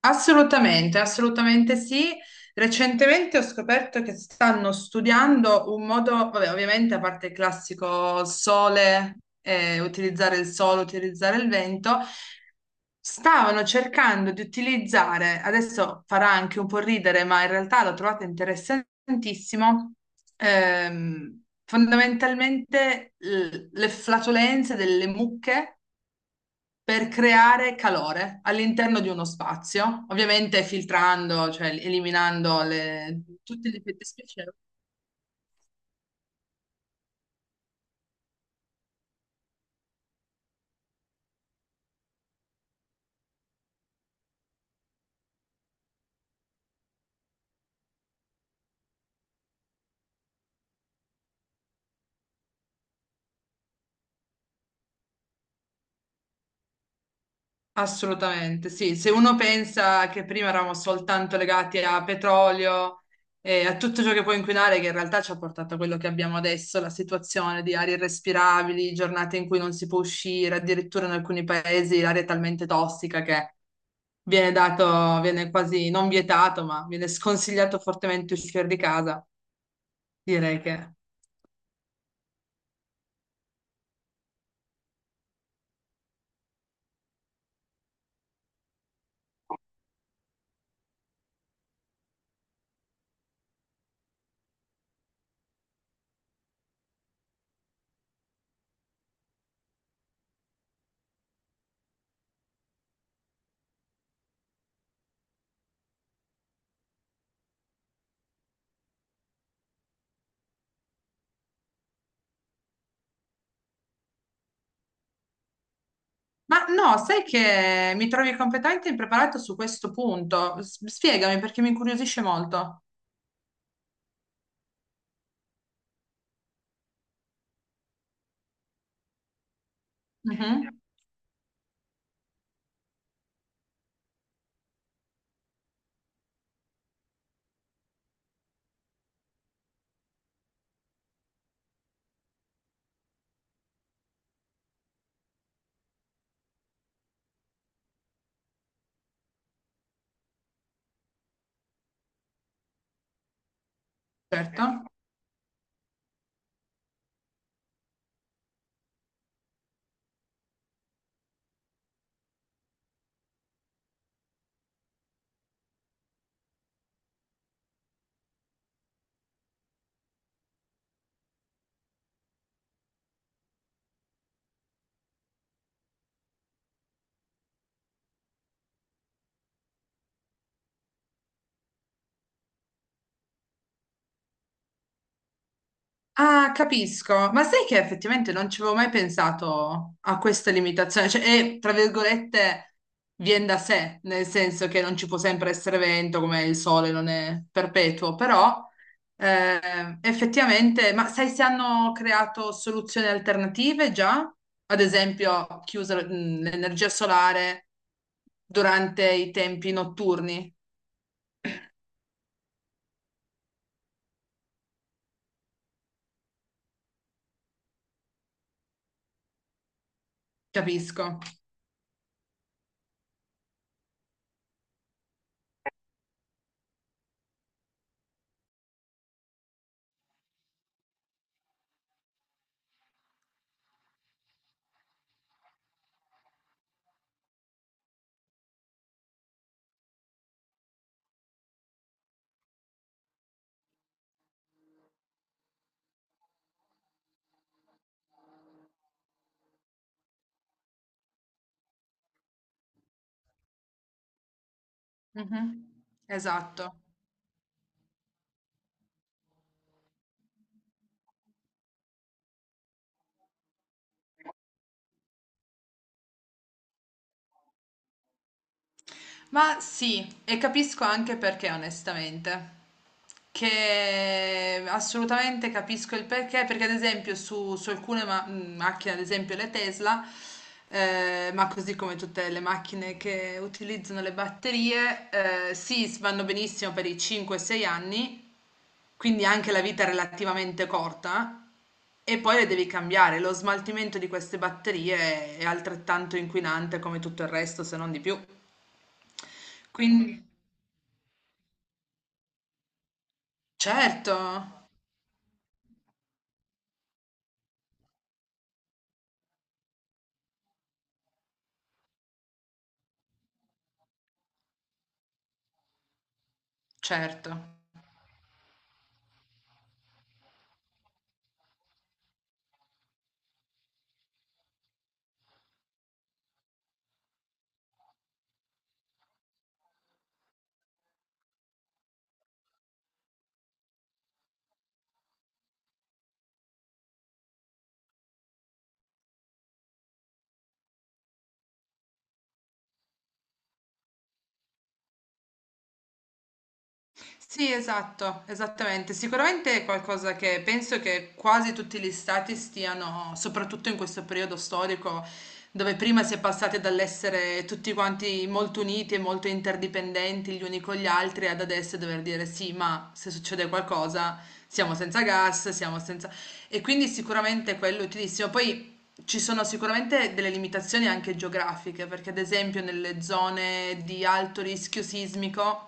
Assolutamente, assolutamente sì. Recentemente ho scoperto che stanno studiando un modo, vabbè, ovviamente a parte il classico sole, utilizzare il sole, utilizzare il vento, stavano cercando di utilizzare, adesso farà anche un po' ridere, ma in realtà l'ho trovata interessantissimo, fondamentalmente le flatulenze delle mucche per creare calore all'interno di uno spazio, ovviamente filtrando, cioè eliminando tutti gli effetti spiacevoli. Assolutamente, sì. Se uno pensa che prima eravamo soltanto legati a petrolio e a tutto ciò che può inquinare, che in realtà ci ha portato a quello che abbiamo adesso, la situazione di arie irrespirabili, giornate in cui non si può uscire, addirittura in alcuni paesi l'aria è talmente tossica che viene dato, viene quasi non vietato, ma viene sconsigliato fortemente uscire di casa. Direi che... Ma no, sai che mi trovi competente e impreparato su questo punto? Spiegami perché mi incuriosisce molto. Mhm, certo. Ah, capisco. Ma sai che effettivamente non ci avevo mai pensato a questa limitazione? Cioè, e, tra virgolette, viene da sé, nel senso che non ci può sempre essere vento, come il sole non è perpetuo, però eh, effettivamente, ma sai se hanno creato soluzioni alternative già? Ad esempio, chiusa l'energia solare durante i tempi notturni, capisco. Mhm. Esatto. Ma sì, e capisco anche perché, onestamente. Che assolutamente capisco il perché, perché ad esempio su alcune macchine, ad esempio le Tesla, ma così come tutte le macchine che utilizzano le batterie, sì, vanno benissimo per i 5-6 anni, quindi anche la vita è relativamente corta, e poi le devi cambiare. Lo smaltimento di queste batterie è altrettanto inquinante come tutto il resto, se non di più. Quindi. Certo, certo. Sì, esatto, esattamente. Sicuramente è qualcosa che penso che quasi tutti gli stati stiano, soprattutto in questo periodo storico, dove prima si è passati dall'essere tutti quanti molto uniti e molto interdipendenti gli uni con gli altri, ad adesso dover dire sì, ma se succede qualcosa siamo senza gas, siamo senza... E quindi sicuramente quello è utilissimo. Poi. Ci sono sicuramente delle limitazioni anche geografiche, perché ad esempio nelle zone di alto rischio sismico,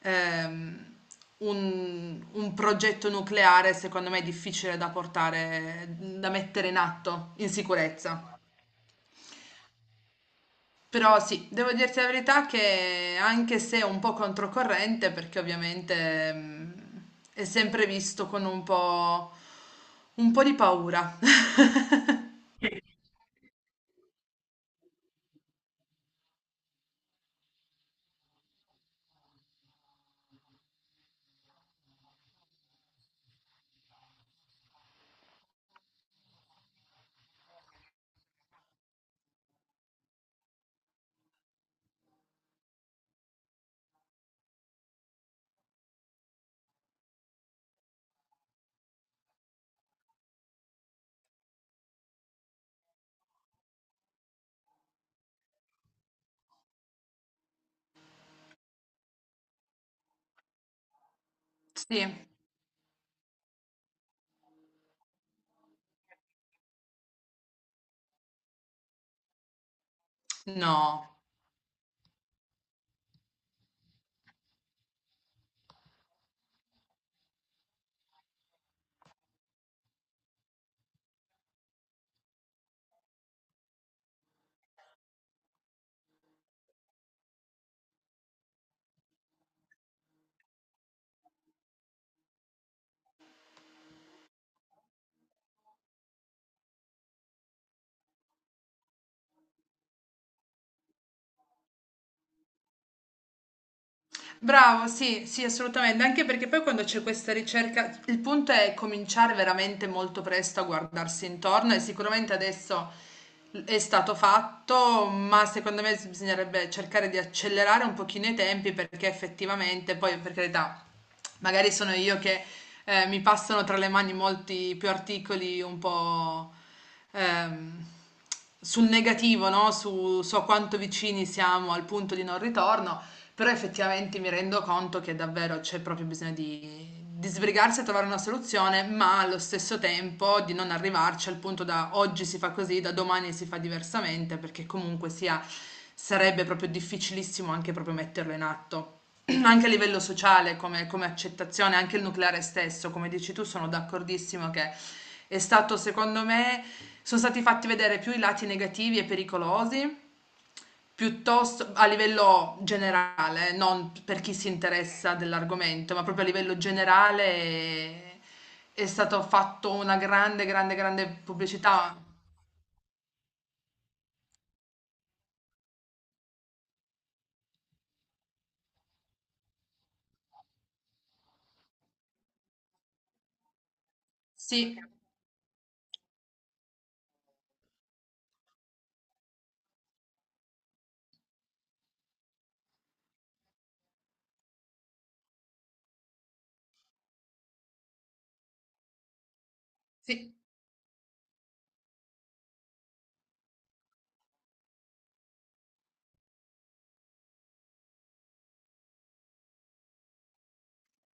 ehm, un progetto nucleare secondo me è difficile da portare, da mettere in atto in sicurezza. Però sì, devo dirti la verità che anche se è un po' controcorrente, perché ovviamente ehm, è sempre visto con un po' di paura. Sì, no. Bravo, sì, sì, assolutamente, anche perché poi quando c'è questa ricerca, il punto è cominciare veramente molto presto a guardarsi intorno e sicuramente adesso è stato fatto, ma secondo me bisognerebbe cercare di accelerare un pochino i tempi perché effettivamente, poi per carità, magari sono io che mi passano tra le mani molti più articoli un po' ehm, sul negativo, no? Su, so quanto vicini siamo al punto di non ritorno. Però effettivamente mi rendo conto che davvero c'è proprio bisogno di sbrigarsi a trovare una soluzione, ma allo stesso tempo di non arrivarci al punto da oggi si fa così, da domani si fa diversamente, perché comunque sia, sarebbe proprio difficilissimo anche proprio metterlo in atto. Anche a livello sociale, come accettazione, anche il nucleare stesso, come dici tu, sono d'accordissimo che è stato, secondo me, sono stati fatti vedere più i lati negativi e pericolosi. Piuttosto a livello generale, non per chi si interessa dell'argomento, ma proprio a livello generale è è stato fatto una grande, grande, grande pubblicità. Sì, sì.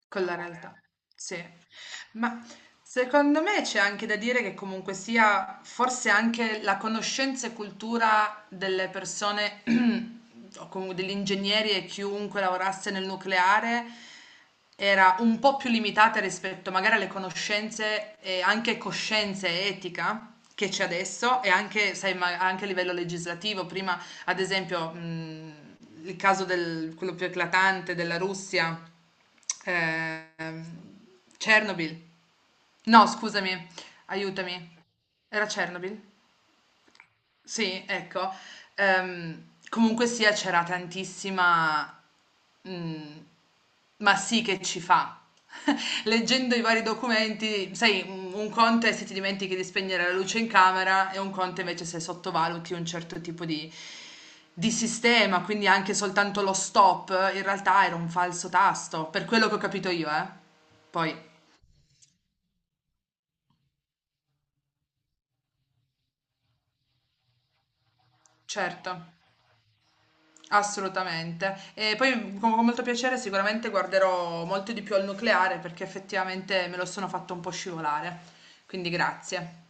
Con la realtà, sì. Ma secondo me c'è anche da dire che comunque sia forse anche la conoscenza e cultura delle persone, o comunque degli ingegneri e chiunque lavorasse nel nucleare, era un po' più limitata rispetto magari alle conoscenze e anche coscienza e etica che c'è adesso e anche, sai, ma anche a livello legislativo. Prima ad esempio, il caso del quello più eclatante della Russia, ehm, Chernobyl. No scusami, aiutami, era Chernobyl? Sì, ecco. Comunque sia c'era tantissima... mm, ma sì che ci fa. Leggendo i vari documenti, sai, un conto è se ti dimentichi di spegnere la luce in camera e un conto invece se sottovaluti un certo tipo di sistema, quindi anche soltanto lo stop, in realtà era un falso tasto, per quello che ho capito io, eh. Poi, certo. Assolutamente. E poi con molto piacere sicuramente guarderò molto di più al nucleare perché effettivamente me lo sono fatto un po' scivolare. Quindi grazie.